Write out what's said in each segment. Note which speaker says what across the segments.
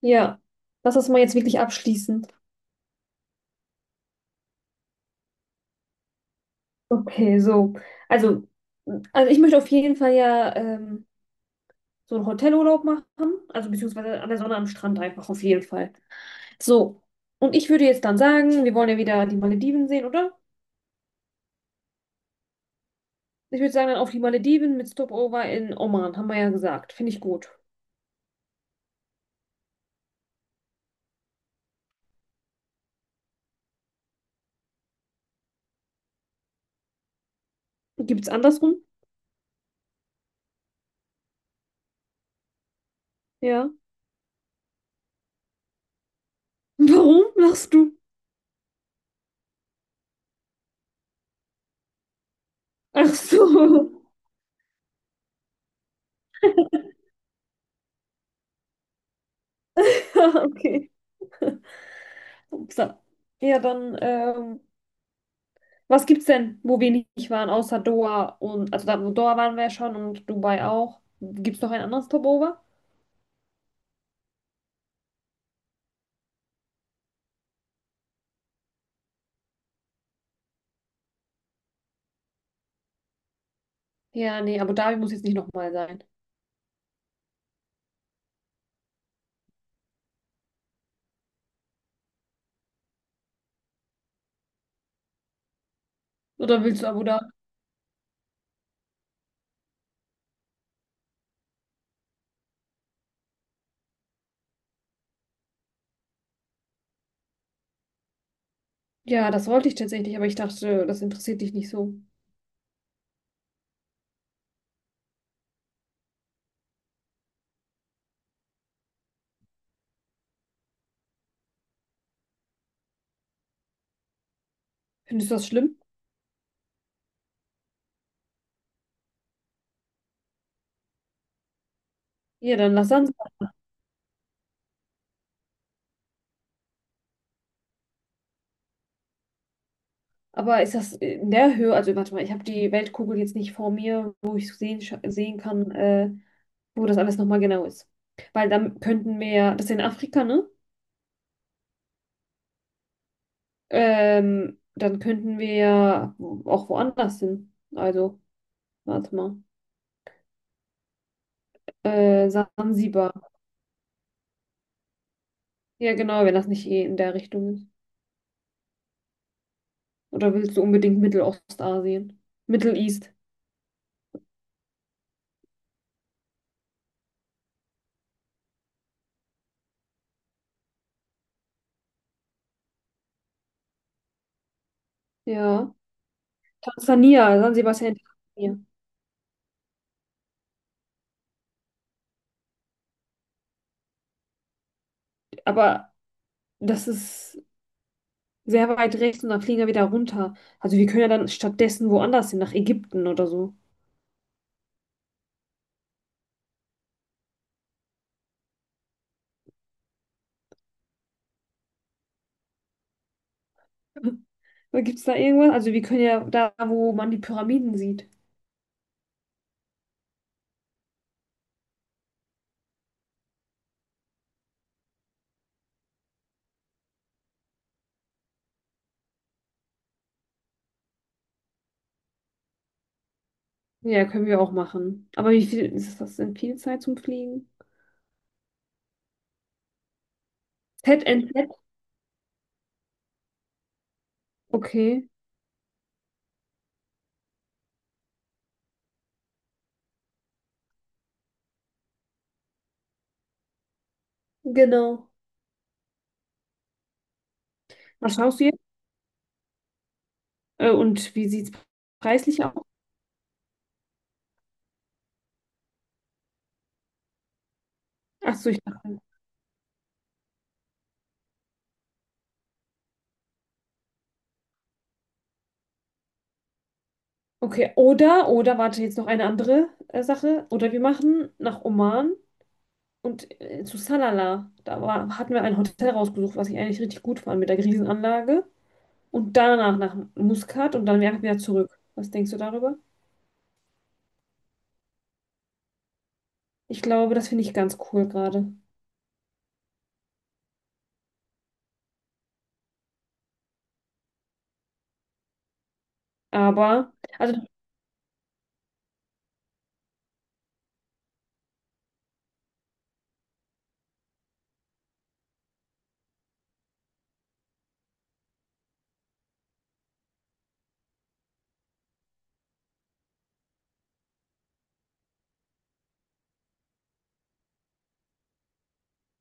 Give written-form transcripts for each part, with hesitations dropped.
Speaker 1: Ja, lass das mal jetzt wirklich abschließen. Okay, so. Also, also ich möchte auf jeden Fall ja so einen Hotelurlaub machen, also beziehungsweise an der Sonne am Strand einfach auf jeden Fall. So, und ich würde jetzt dann sagen, wir wollen ja wieder die Malediven sehen, oder? Ich würde sagen, dann auf die Malediven mit Stopover in Oman, haben wir ja gesagt. Finde ich gut. Gibt's andersrum? Ja. Warum lachst du? Ach so. Okay. Upsa. Ja, dann, was gibt's denn, wo wir nicht waren, außer Doha und, also da, wo Doha waren wir ja schon und Dubai auch. Gibt's noch ein anderes Stopover? Ja, nee, Abu Dhabi muss jetzt nicht nochmal sein. Oder willst du Abu Dhabi? Ja, das wollte ich tatsächlich, aber ich dachte, das interessiert dich nicht so. Findest du das schlimm? Ja, dann lass dann. So. Aber ist das in der Höhe, also warte mal, ich habe die Weltkugel jetzt nicht vor mir, wo ich sehen kann, wo das alles nochmal genau ist. Weil dann könnten wir, ja, das ist in Afrika, ne? Dann könnten wir ja auch woanders hin. Also, warte mal. Sansibar. Ja, genau, wenn das nicht eh in der Richtung ist. Oder willst du unbedingt Mittelostasien? Middle East. Ja. Tansania, Sansibar ist ja in Tansania. Aber das ist sehr weit rechts und dann fliegen wir wieder runter. Also wir können ja dann stattdessen woanders hin, nach Ägypten oder so. Gibt es da irgendwas? Also wir können ja da, wo man die Pyramiden sieht. Ja, können wir auch machen. Aber wie viel ist das denn viel Zeit zum Fliegen? ZNZ? Okay, genau. Was schaust du jetzt? Und wie sieht es preislich aus? Ach so, ich dachte. Okay, oder, warte, jetzt noch eine andere Sache. Oder wir machen nach Oman und zu Salalah. Da war, hatten wir ein Hotel rausgesucht, was ich eigentlich richtig gut fand mit der Riesenanlage. Und danach nach Muscat und dann einfach wieder zurück. Was denkst du darüber? Ich glaube, das finde ich ganz cool gerade. Aber, also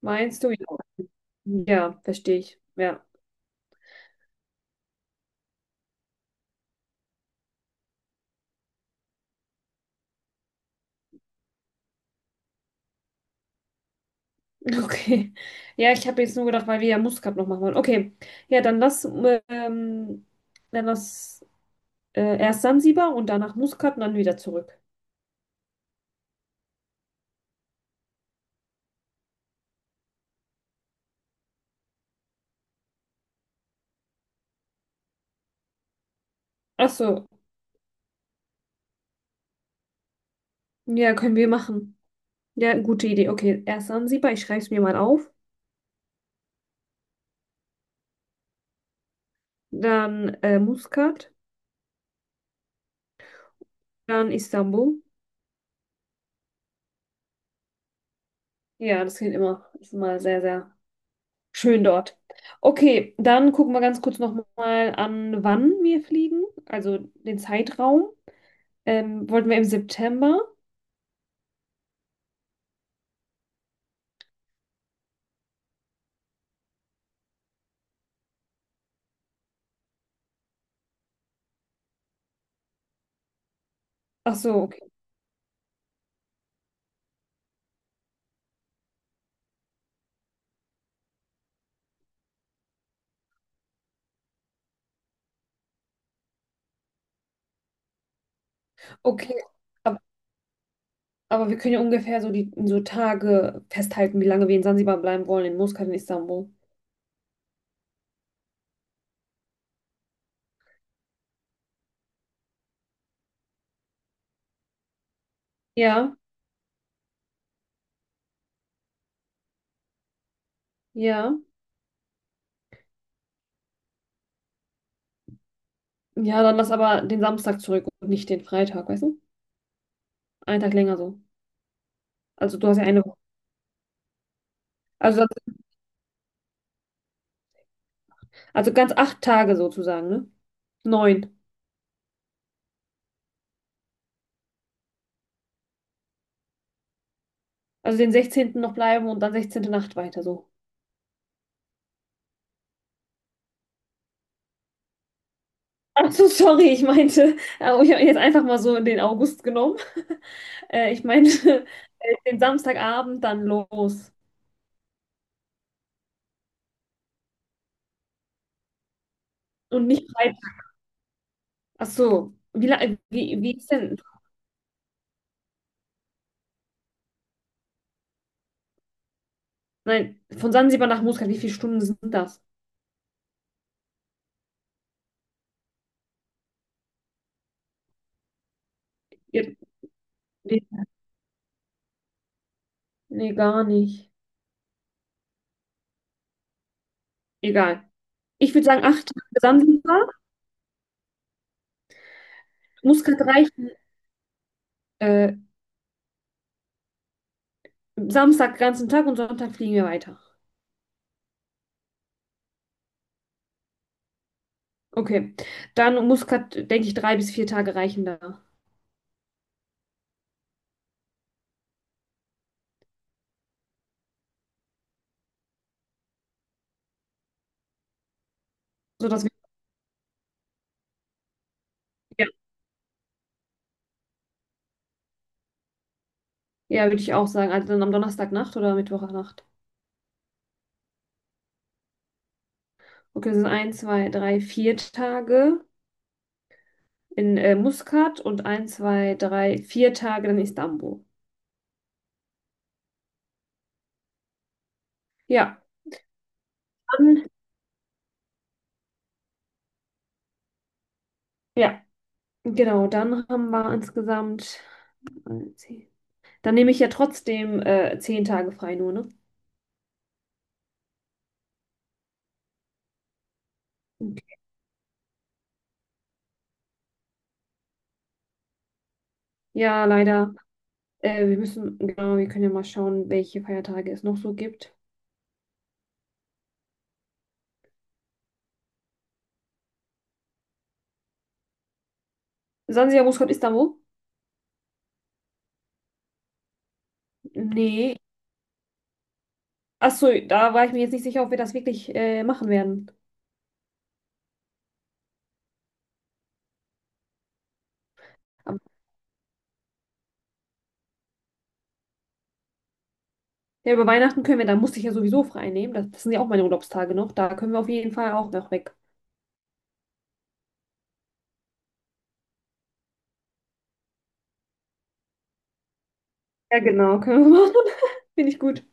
Speaker 1: meinst du, ja. Ja, verstehe ich. Ja, okay. Ja, ich habe jetzt nur gedacht, weil wir ja Muskat noch machen wollen. Okay, ja, dann lass erst Sansibar und danach Muskat und dann wieder zurück. Ach so, ja, können wir machen. Ja, gute Idee. Okay, erst Sansibar, ich schreibe es mir mal auf. Dann Muskat, dann Istanbul. Ja, das klingt immer, ist immer sehr, sehr schön dort. Okay, dann gucken wir ganz kurz nochmal an, wann wir fliegen, also den Zeitraum. Wollten wir im September? Ach so, okay. Okay, aber, aber wir können ja ungefähr so die so Tage festhalten, wie lange wir in Sansibar bleiben wollen, in Muscat, in Istanbul. Ja, ja. Ja, dann lass aber den Samstag zurück und nicht den Freitag, weißt du? Einen Tag länger so. Also du hast ja eine Woche. Also, also ganz 8 Tage sozusagen, ne? Neun. Also den 16. noch bleiben und dann 16. Nacht weiter so. Ach so, sorry, ich meinte, oh, ich habe jetzt einfach mal so den August genommen. Ich meinte den Samstagabend dann los. Und nicht breit. Ach so. Wie ist denn? Nein, von Sansibar nach Muscat, wie viele Stunden sind das? Ihr- Nee, nee, gar nicht. Egal. Ich würde sagen, 8 Tage Sansibar. Muscat reichen. Äh, Samstag ganzen Tag und Sonntag fliegen wir weiter. Okay. Dann Muscat, denke ich, 3 bis 4 Tage reichen da. So, dass wir, ja, ja, würde ich auch sagen. Also dann am Donnerstagnacht oder Mittwochnacht. Okay, das sind ein, zwei, drei, vier Tage in Muscat und ein, zwei, drei, vier Tage in Istanbul. Ja, dann, ja, genau, dann haben wir insgesamt 10. Dann nehme ich ja trotzdem 10 Tage frei nur, ne? Ja, leider. Wir müssen, genau, wir können ja mal schauen, welche Feiertage es noch so gibt. Sansibar, Muscat, Istanbul? Nee. Achso, da war ich mir jetzt nicht sicher, ob wir das wirklich machen werden. Aber, ja, über Weihnachten können wir, da musste ich ja sowieso frei nehmen. Das sind ja auch meine Urlaubstage noch. Da können wir auf jeden Fall auch noch weg. Ja, genau, können wir machen. Finde ich gut.